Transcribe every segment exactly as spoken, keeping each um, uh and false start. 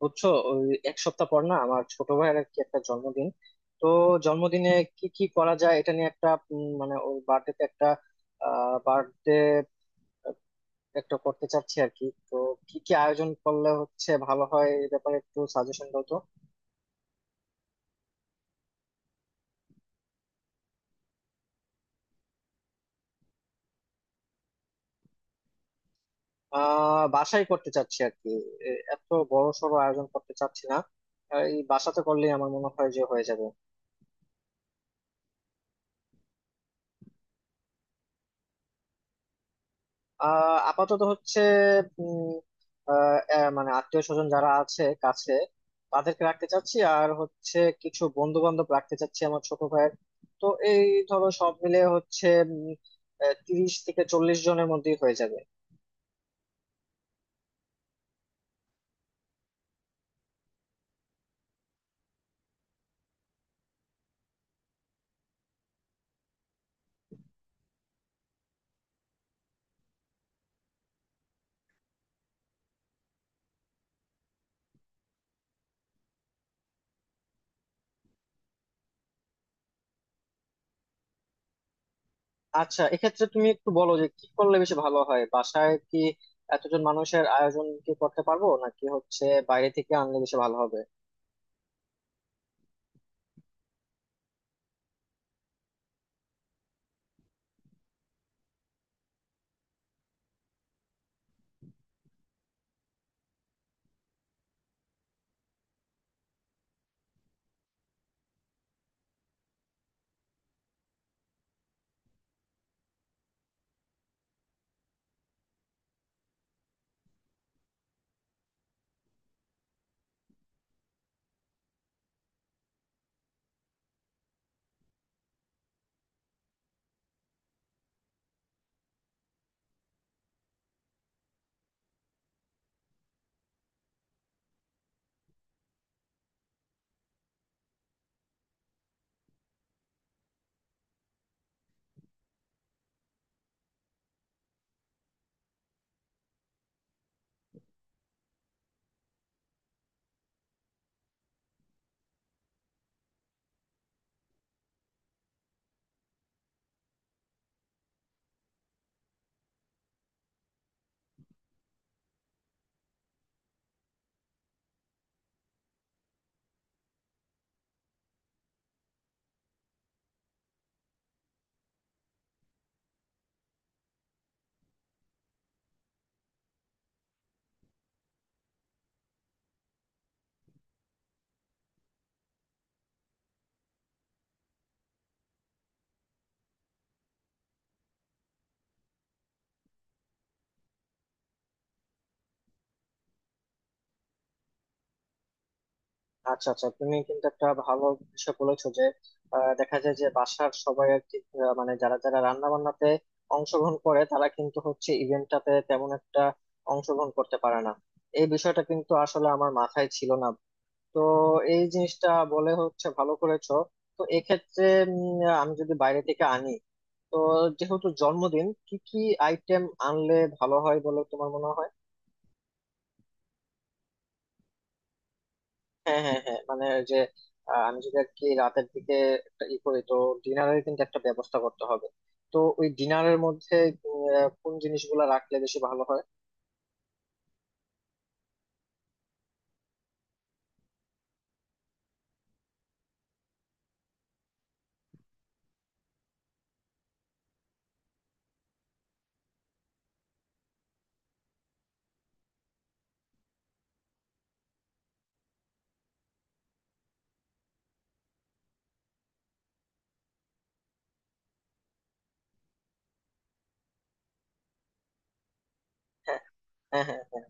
বুঝছো, ওই এক সপ্তাহ পর না আমার ছোট ভাইয়ের আর কি একটা জন্মদিন। তো জন্মদিনে কি কি করা যায় এটা নিয়ে একটা উম, মানে ওর বার্থডেতে একটা আহ বার্থডে একটা করতে চাচ্ছি আর কি। তো কি কি আয়োজন করলে হচ্ছে ভালো হয় এই ব্যাপারে একটু সাজেশন দাও তো। আহ বাসায় করতে চাচ্ছি আর কি। এ- এত বড় সড় আয়োজন করতে চাচ্ছি না। আহ, এই বাসাতে করলেই আমার মনে হয় যে হয়ে যাবে। আহ আপাতত হচ্ছে উম আহ, আহ, মানে আত্মীয় স্বজন যারা আছে কাছে তাদেরকে রাখতে চাচ্ছি, আর হচ্ছে কিছু বন্ধু বান্ধব রাখতে চাচ্ছি আমার ছোট ভাইয়ের। তো এই ধরো সব মিলে হচ্ছে উম, আহ, তিরিশ থেকে চল্লিশ জনের মধ্যেই হয়ে যাবে। আচ্ছা, এক্ষেত্রে তুমি একটু বলো যে কি করলে বেশি ভালো হয়। বাসায় কি এতজন মানুষের আয়োজন কি করতে পারবো, নাকি হচ্ছে বাইরে থেকে আনলে বেশি ভালো হবে? আচ্ছা আচ্ছা, তুমি কিন্তু একটা ভালো বিষয় বলেছো যে আহ, দেখা যায় যে বাসার সবাই আর কি আহ, মানে যারা যারা রান্না বান্নাতে অংশগ্রহণ করে তারা কিন্তু হচ্ছে ইভেন্টটাতে তেমন একটা অংশগ্রহণ করতে পারে না। এই বিষয়টা কিন্তু আসলে আমার মাথায় ছিল না। তো এই জিনিসটা বলে হচ্ছে ভালো করেছো। তো এক্ষেত্রে উম, আমি যদি বাইরে থেকে আনি, তো যেহেতু জন্মদিন, কি কি আইটেম আনলে ভালো হয় বলে তোমার মনে হয়? হ্যাঁ হ্যাঁ হ্যাঁ, মানে ওই যে আহ, আমি যদি আর কি রাতের দিকে একটা ই করি, তো ডিনারের কিন্তু একটা ব্যবস্থা করতে হবে। তো ওই ডিনারের মধ্যে আহ, কোন জিনিসগুলো রাখলে বেশি ভালো হয়? হ্যাঁ হ্যাঁ হ্যাঁ, হ্যাঁ।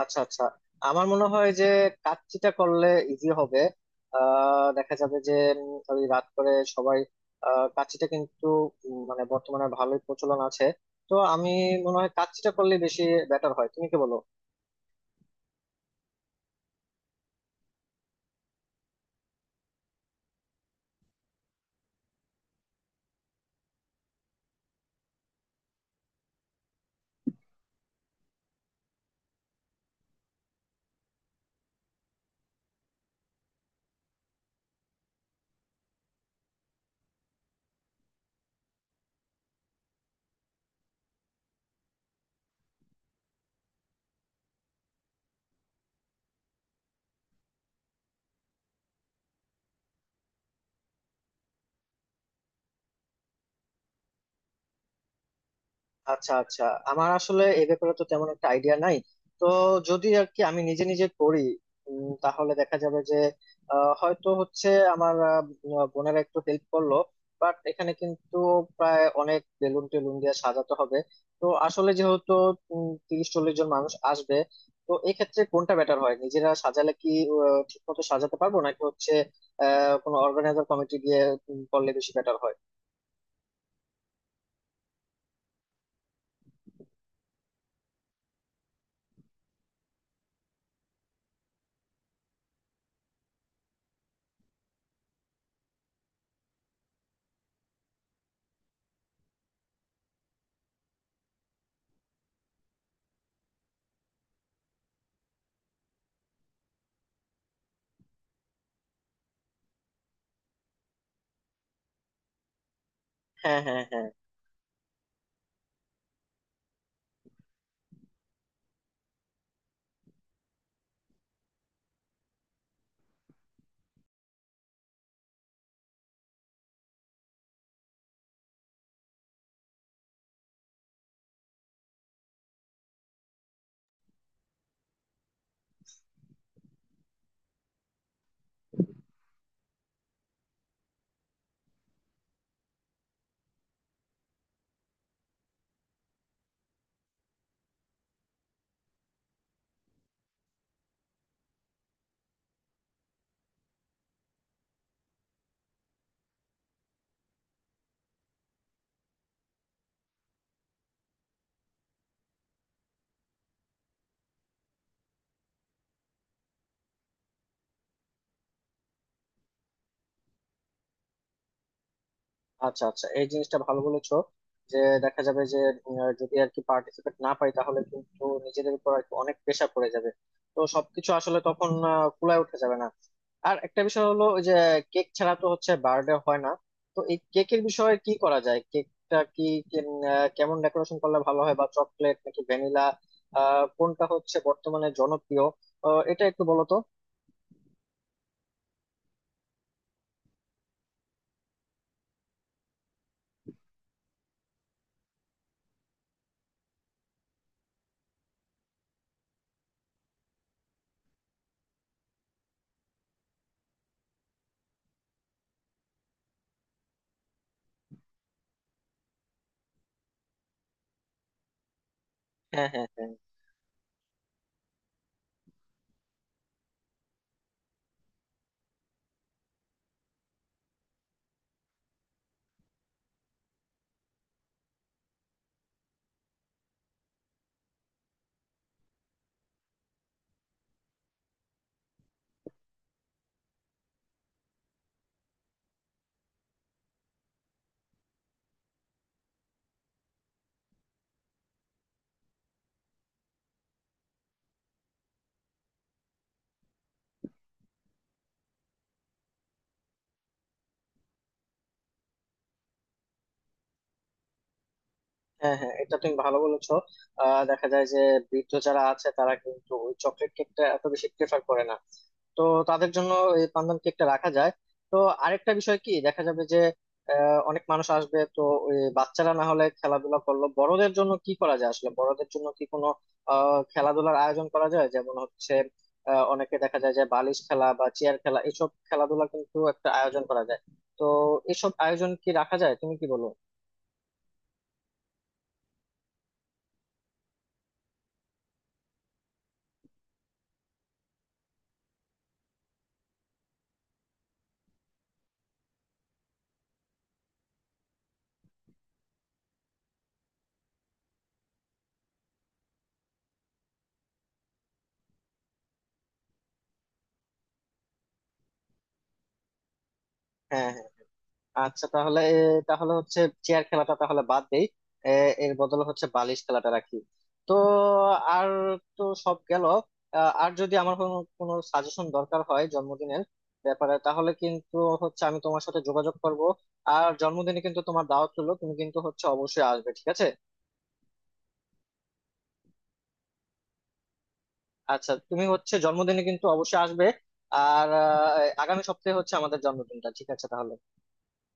আচ্ছা আচ্ছা, আমার মনে হয় যে কাচ্চিটা করলে ইজি হবে। আহ দেখা যাবে যে উম, ওই রাত করে সবাই আহ কাচ্চিটা কিন্তু উম, মানে বর্তমানে ভালোই প্রচলন আছে। তো আমি মনে হয় কাচ্চিটা করলে বেশি বেটার হয়। তুমি কি বলো? আচ্ছা আচ্ছা, আমার আসলে এই ব্যাপারে তো তেমন একটা আইডিয়া নাই। তো যদি আর কি আমি নিজে নিজে করি, উম, তাহলে দেখা যাবে যে আহ, হয়তো হচ্ছে আমার আহ, বোনেরা একটু হেল্প করলো। বাট এখানে কিন্তু প্রায় অনেক বেলুন টেলুন দিয়ে সাজাতে হবে। তো আসলে যেহেতু উম, তিরিশ চল্লিশ জন মানুষ আসবে, তো এক্ষেত্রে কোনটা বেটার হয়? নিজেরা সাজালে কি আহ, ঠিক মতো সাজাতে পারবো, নাকি হচ্ছে আহ কোনো অর্গানাইজার কমিটি দিয়ে উম, করলে বেশি বেটার হয়? হ্যাঁ হ্যাঁ হ্যাঁ। আচ্ছা আচ্ছা, এই জিনিসটা ভালো বলেছো যে দেখা যাবে যে উম, আহ, যদি আর কি পার্টিসিপেট না পাই, তাহলে কিন্তু নিজেদের উপর আর কি অনেক প্রেশার পড়ে যাবে। তো সবকিছু আসলে তখন ফুলায় উঠে যাবে না। আর একটা বিষয় হলো, ওই যে কেক ছাড়া তো হচ্ছে বার্থডে হয় না। তো এই কেকের বিষয়ে কি করা যায়? কেকটা কি কেম- আহ, কেমন ডেকোরেশন করলে ভালো হয়? বা চকলেট নাকি ভ্যানিলা, আহ কোনটা হচ্ছে বর্তমানে জনপ্রিয়? আহ, এটা একটু বলো তো। হ্যাঁ হ্যাঁ হ্যাঁ, হ্যাঁ হ্যাঁ, এটা তুমি ভালো বলেছো। আহ দেখা যায় যে বৃদ্ধ যারা আছে তারা কিন্তু ওই চকলেট কেকটা এত বেশি প্রেফার করে না। তো তাদের জন্য এই পান্দান কেকটা রাখা যায়। তো আরেকটা বিষয় কি, দেখা যাবে যে আহ, অনেক মানুষ আসবে তো। ওই বাচ্চারা না হলে খেলাধুলা করলো, বড়দের জন্য কি করা যায়? আসলে বড়দের জন্য কি কোনো আহ খেলাধুলার আয়োজন করা যায়? যেমন হচ্ছে আহ, অনেকে দেখা যায় যে বালিশ খেলা বা চেয়ার খেলা এসব খেলাধুলা কিন্তু একটা আয়োজন করা যায়। তো এসব আয়োজন কি রাখা যায়? তুমি কি বলো? হ্যাঁ হ্যাঁ, আচ্ছা, তাহলে এ, তাহলে হচ্ছে চেয়ার খেলাটা তাহলে বাদ দেই। এ, এর বদলে হচ্ছে বালিশ খেলাটা রাখি। তো আর, তো সব গেল। আ, আর যদি আমার কোনো কোনো সাজেশন দরকার হয় জন্মদিনের ব্যাপারে, তাহলে কিন্তু হচ্ছে আমি তোমার সাথে যোগাযোগ করব। আর জন্মদিনে কিন্তু তোমার দাওয়াত হলো, তুমি কিন্তু হচ্ছে অবশ্যই আসবে, ঠিক আছে? আচ্ছা, তুমি হচ্ছে জন্মদিনে কিন্তু অবশ্যই আসবে। আর আ, আগামী সপ্তাহে হচ্ছে আমাদের জন্মদিনটা। ঠিক আছে তাহলে।